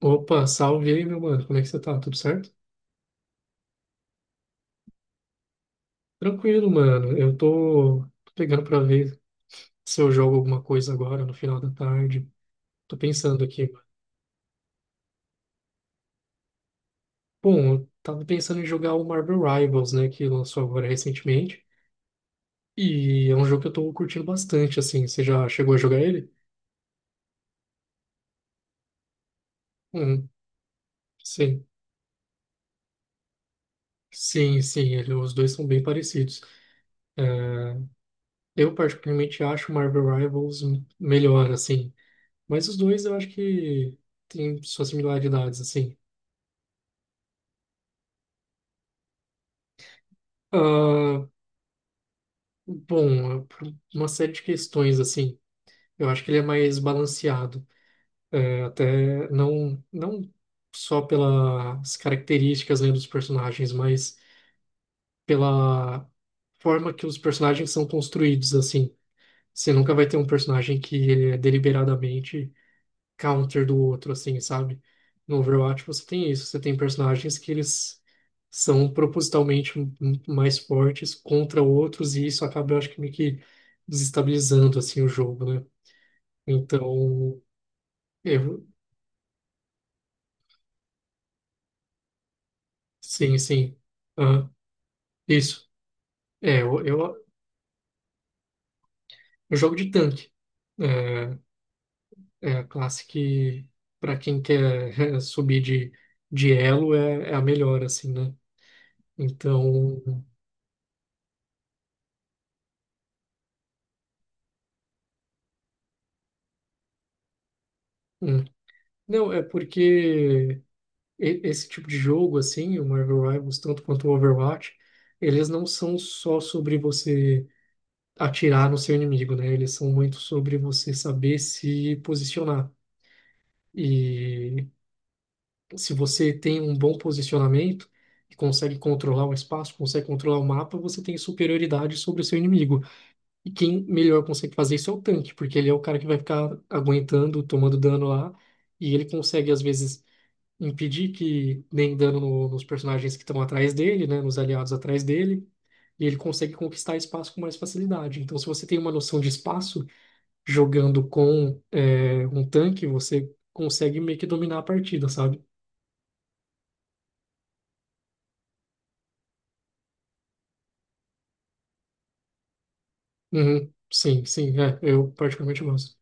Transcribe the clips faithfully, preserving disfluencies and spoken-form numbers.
Opa, salve aí, meu mano. Como é que você tá? Tudo certo? Tranquilo, mano. Eu tô, tô pegando pra ver se eu jogo alguma coisa agora no final da tarde. Tô pensando aqui. Bom, eu tava pensando em jogar o Marvel Rivals, né, que lançou agora recentemente. E é um jogo que eu tô curtindo bastante, assim. Você já chegou a jogar ele? Hum, sim. Sim, sim, ele- os dois são bem parecidos. É, eu particularmente acho o Marvel Rivals melhor, assim. Mas os dois eu acho que têm suas similaridades, assim. Ah, bom, por uma série de questões, assim. Eu acho que ele é mais balanceado. É, até não, não só pelas características, né, dos personagens, mas pela forma que os personagens são construídos, assim. Você nunca vai ter um personagem que ele é deliberadamente counter do outro, assim, sabe? No Overwatch você tem isso, você tem personagens que eles são propositalmente m- m- mais fortes contra outros, e isso acaba, eu acho que meio que desestabilizando, assim, o jogo, né? Então, eu, sim, sim, aham, isso. É, eu, eu, eu jogo de tanque. É, é a classe que, para quem quer subir de, de elo, é, é a melhor, assim, né? Então, hum. não, é porque e- esse tipo de jogo, assim, o Marvel Rivals, tanto quanto o Overwatch, eles não são só sobre você atirar no seu inimigo, né? Eles são muito sobre você saber se posicionar. E se você tem um bom posicionamento e consegue controlar o espaço, consegue controlar o mapa, você tem superioridade sobre o seu inimigo. E quem melhor consegue fazer isso é o tanque, porque ele é o cara que vai ficar aguentando, tomando dano lá, e ele consegue, às vezes impedir que deem dano no- nos personagens que estão atrás dele, né, nos aliados atrás dele, e ele consegue conquistar espaço com mais facilidade. Então, se você tem uma noção de espaço, jogando com é, um tanque, você consegue meio que dominar a partida, sabe? Uhum. Sim, sim, é, eu particularmente gosto.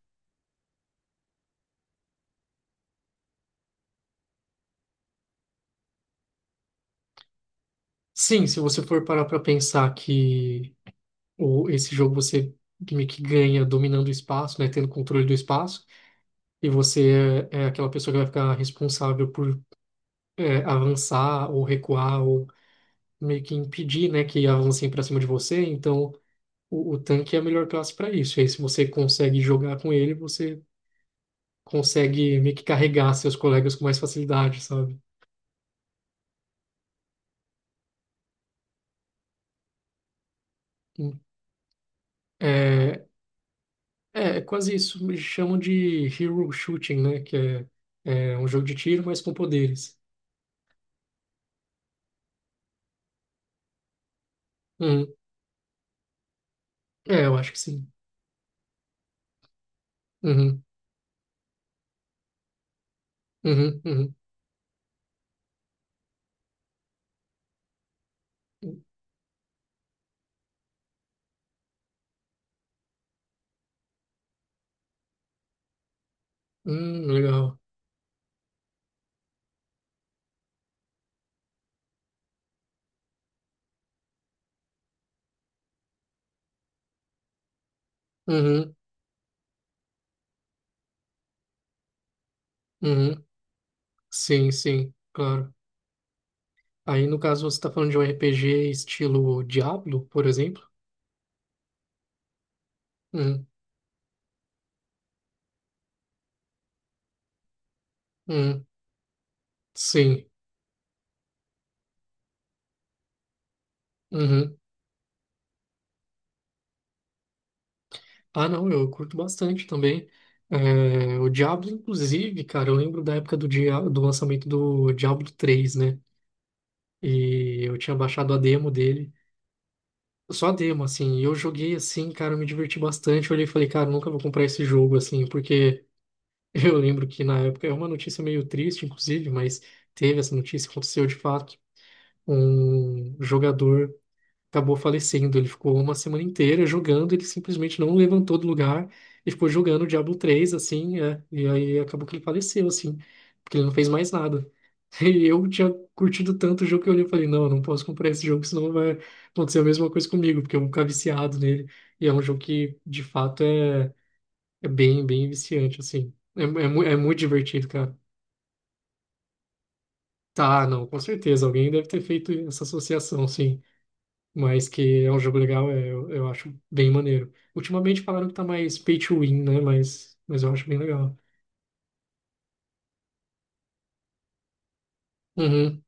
Sim, se você for parar para pensar que o, esse jogo você meio que ganha dominando o espaço, né, tendo controle do espaço, e você é, é aquela pessoa que vai ficar responsável por é, avançar ou recuar ou meio que impedir, né, que avancem para cima de você. Então, o, o tanque é a melhor classe para isso. E aí, se você consegue jogar com ele, você consegue meio que carregar seus colegas com mais facilidade, sabe? Hum, É, é é quase isso. Eles chamam de hero shooting, né, que é, é um jogo de tiro, mas com poderes. Uhum. É, eu acho que sim. Uhum, uhum, uhum. Hum, legal. Uhum, uhum. Sim, sim, claro. Aí, no caso, você está falando de um R P G estilo Diablo, por exemplo? Uhum, uhum, sim. Uhum. Ah, não, eu curto bastante também. É, o Diablo, inclusive, cara, eu lembro da época do, dia, do lançamento do Diablo três, né? E eu tinha baixado a demo dele. Só a demo, assim. E eu joguei assim, cara, eu me diverti bastante. Eu olhei e falei, cara, eu nunca vou comprar esse jogo, assim, porque eu lembro que na época, é uma notícia meio triste, inclusive, mas teve essa notícia, aconteceu de fato. Um jogador acabou falecendo. Ele ficou uma semana inteira jogando, ele simplesmente não levantou do lugar e ficou jogando o Diablo três assim, é, e aí acabou que ele faleceu, assim, porque ele não fez mais nada. E eu tinha curtido tanto o jogo que eu olhei e falei, não, eu não posso comprar esse jogo, senão vai acontecer a mesma coisa comigo, porque eu vou ficar viciado nele. E é um jogo que, de fato, é, é bem, bem viciante, assim. É, é, mu- é muito divertido, cara. Tá, não, com certeza. Alguém deve ter feito essa associação, sim. Mas que é um jogo legal, é, eu, eu acho bem maneiro. Ultimamente falaram que tá mais pay to win, né? Mas, mas eu acho bem legal. Uhum,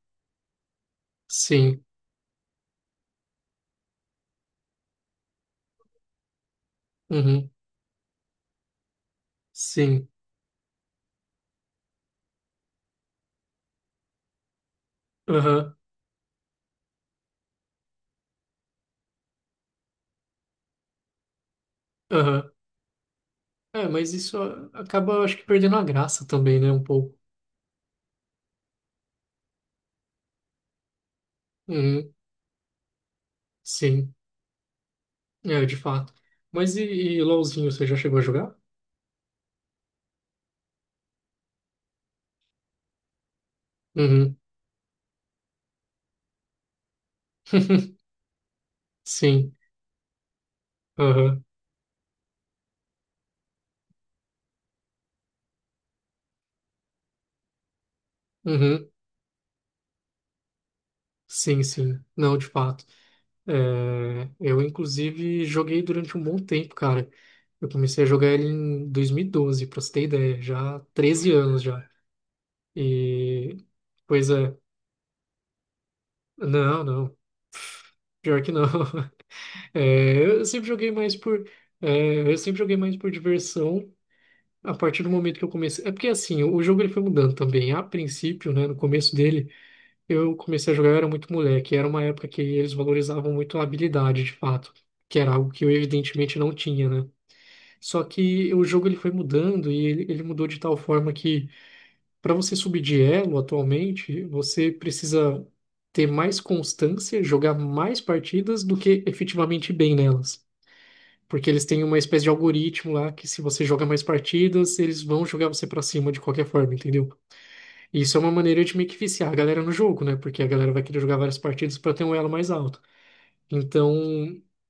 sim, uhum, sim, aham, aham. É, mas isso a- acaba, eu acho que, perdendo a graça também, né? Um pouco. Uhum, sim, é, de fato. Mas e, e LOLzinho, você já chegou a jogar? Uhum, sim, aham, uhum, sim, sim. Não, de fato. É, eu, inclusive, joguei durante um bom tempo, cara. Eu comecei a jogar ele em dois mil e doze, pra você ter ideia, já há treze anos já. E, pois é, não, não, pior que não. É, eu sempre joguei mais por, é, eu sempre joguei mais por diversão a partir do momento que eu comecei. É porque, assim, o jogo ele foi mudando também. A princípio, né, no começo dele, eu comecei a jogar, eu era muito moleque. Era uma época que eles valorizavam muito a habilidade, de fato, que era algo que eu, evidentemente, não tinha, né? Só que o jogo ele foi mudando e ele, ele mudou de tal forma que para você subir de elo atualmente, você precisa ter mais constância, jogar mais partidas do que efetivamente ir bem nelas. Porque eles têm uma espécie de algoritmo lá que se você joga mais partidas, eles vão jogar você para cima de qualquer forma, entendeu? E isso é uma maneira de meio que viciar a galera no jogo, né? Porque a galera vai querer jogar várias partidas para ter um elo mais alto. Então,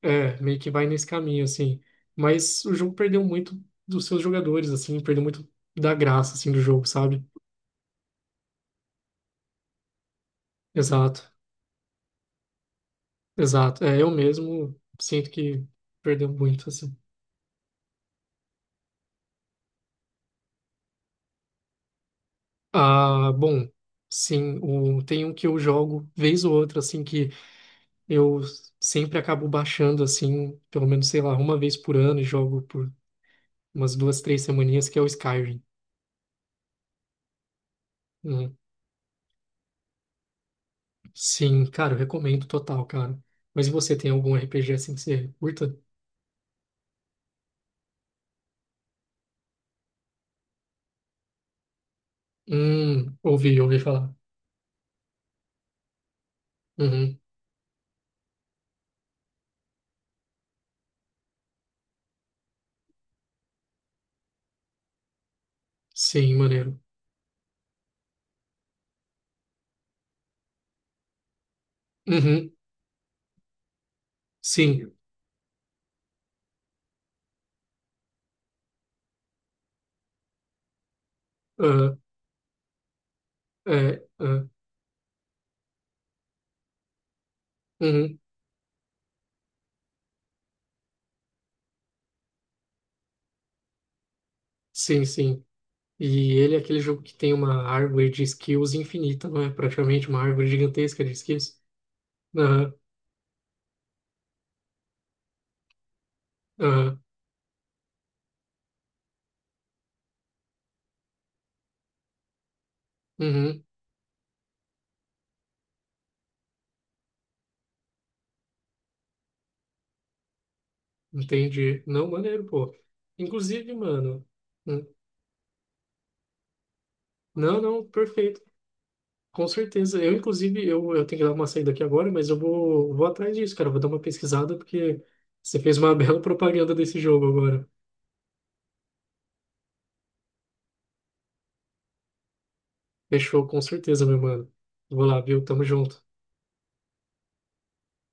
é, meio que vai nesse caminho, assim. Mas o jogo perdeu muito dos seus jogadores, assim, perdeu muito da graça, assim, do jogo, sabe? Exato, exato. É, eu mesmo sinto que perdeu muito, assim. Ah, bom, sim, o, tem um que eu jogo vez ou outra, assim, que eu sempre acabo baixando, assim, pelo menos, sei lá, uma vez por ano e jogo por umas duas, três semaninhas, que é o Skyrim. Sim, cara, eu recomendo total, cara. Mas e você tem algum R P G assim que você curta? Hum, ouvi, ouvi falar. Uhum, sim, maneiro. Uhum, sim, ah, é, ah, uhum, sim, sim. E ele é aquele jogo que tem uma árvore de skills infinita, não é? Praticamente uma árvore gigantesca de skills. Aham, aham, uhum, entendi. Não, maneiro, pô. Inclusive, mano, hum, não, não, perfeito. Com certeza. Eu, inclusive, eu, eu tenho que dar uma saída aqui agora, mas eu vou, vou atrás disso, cara. Vou dar uma pesquisada, porque você fez uma bela propaganda desse jogo agora. Fechou, com certeza, meu mano. Vou lá, viu? Tamo junto.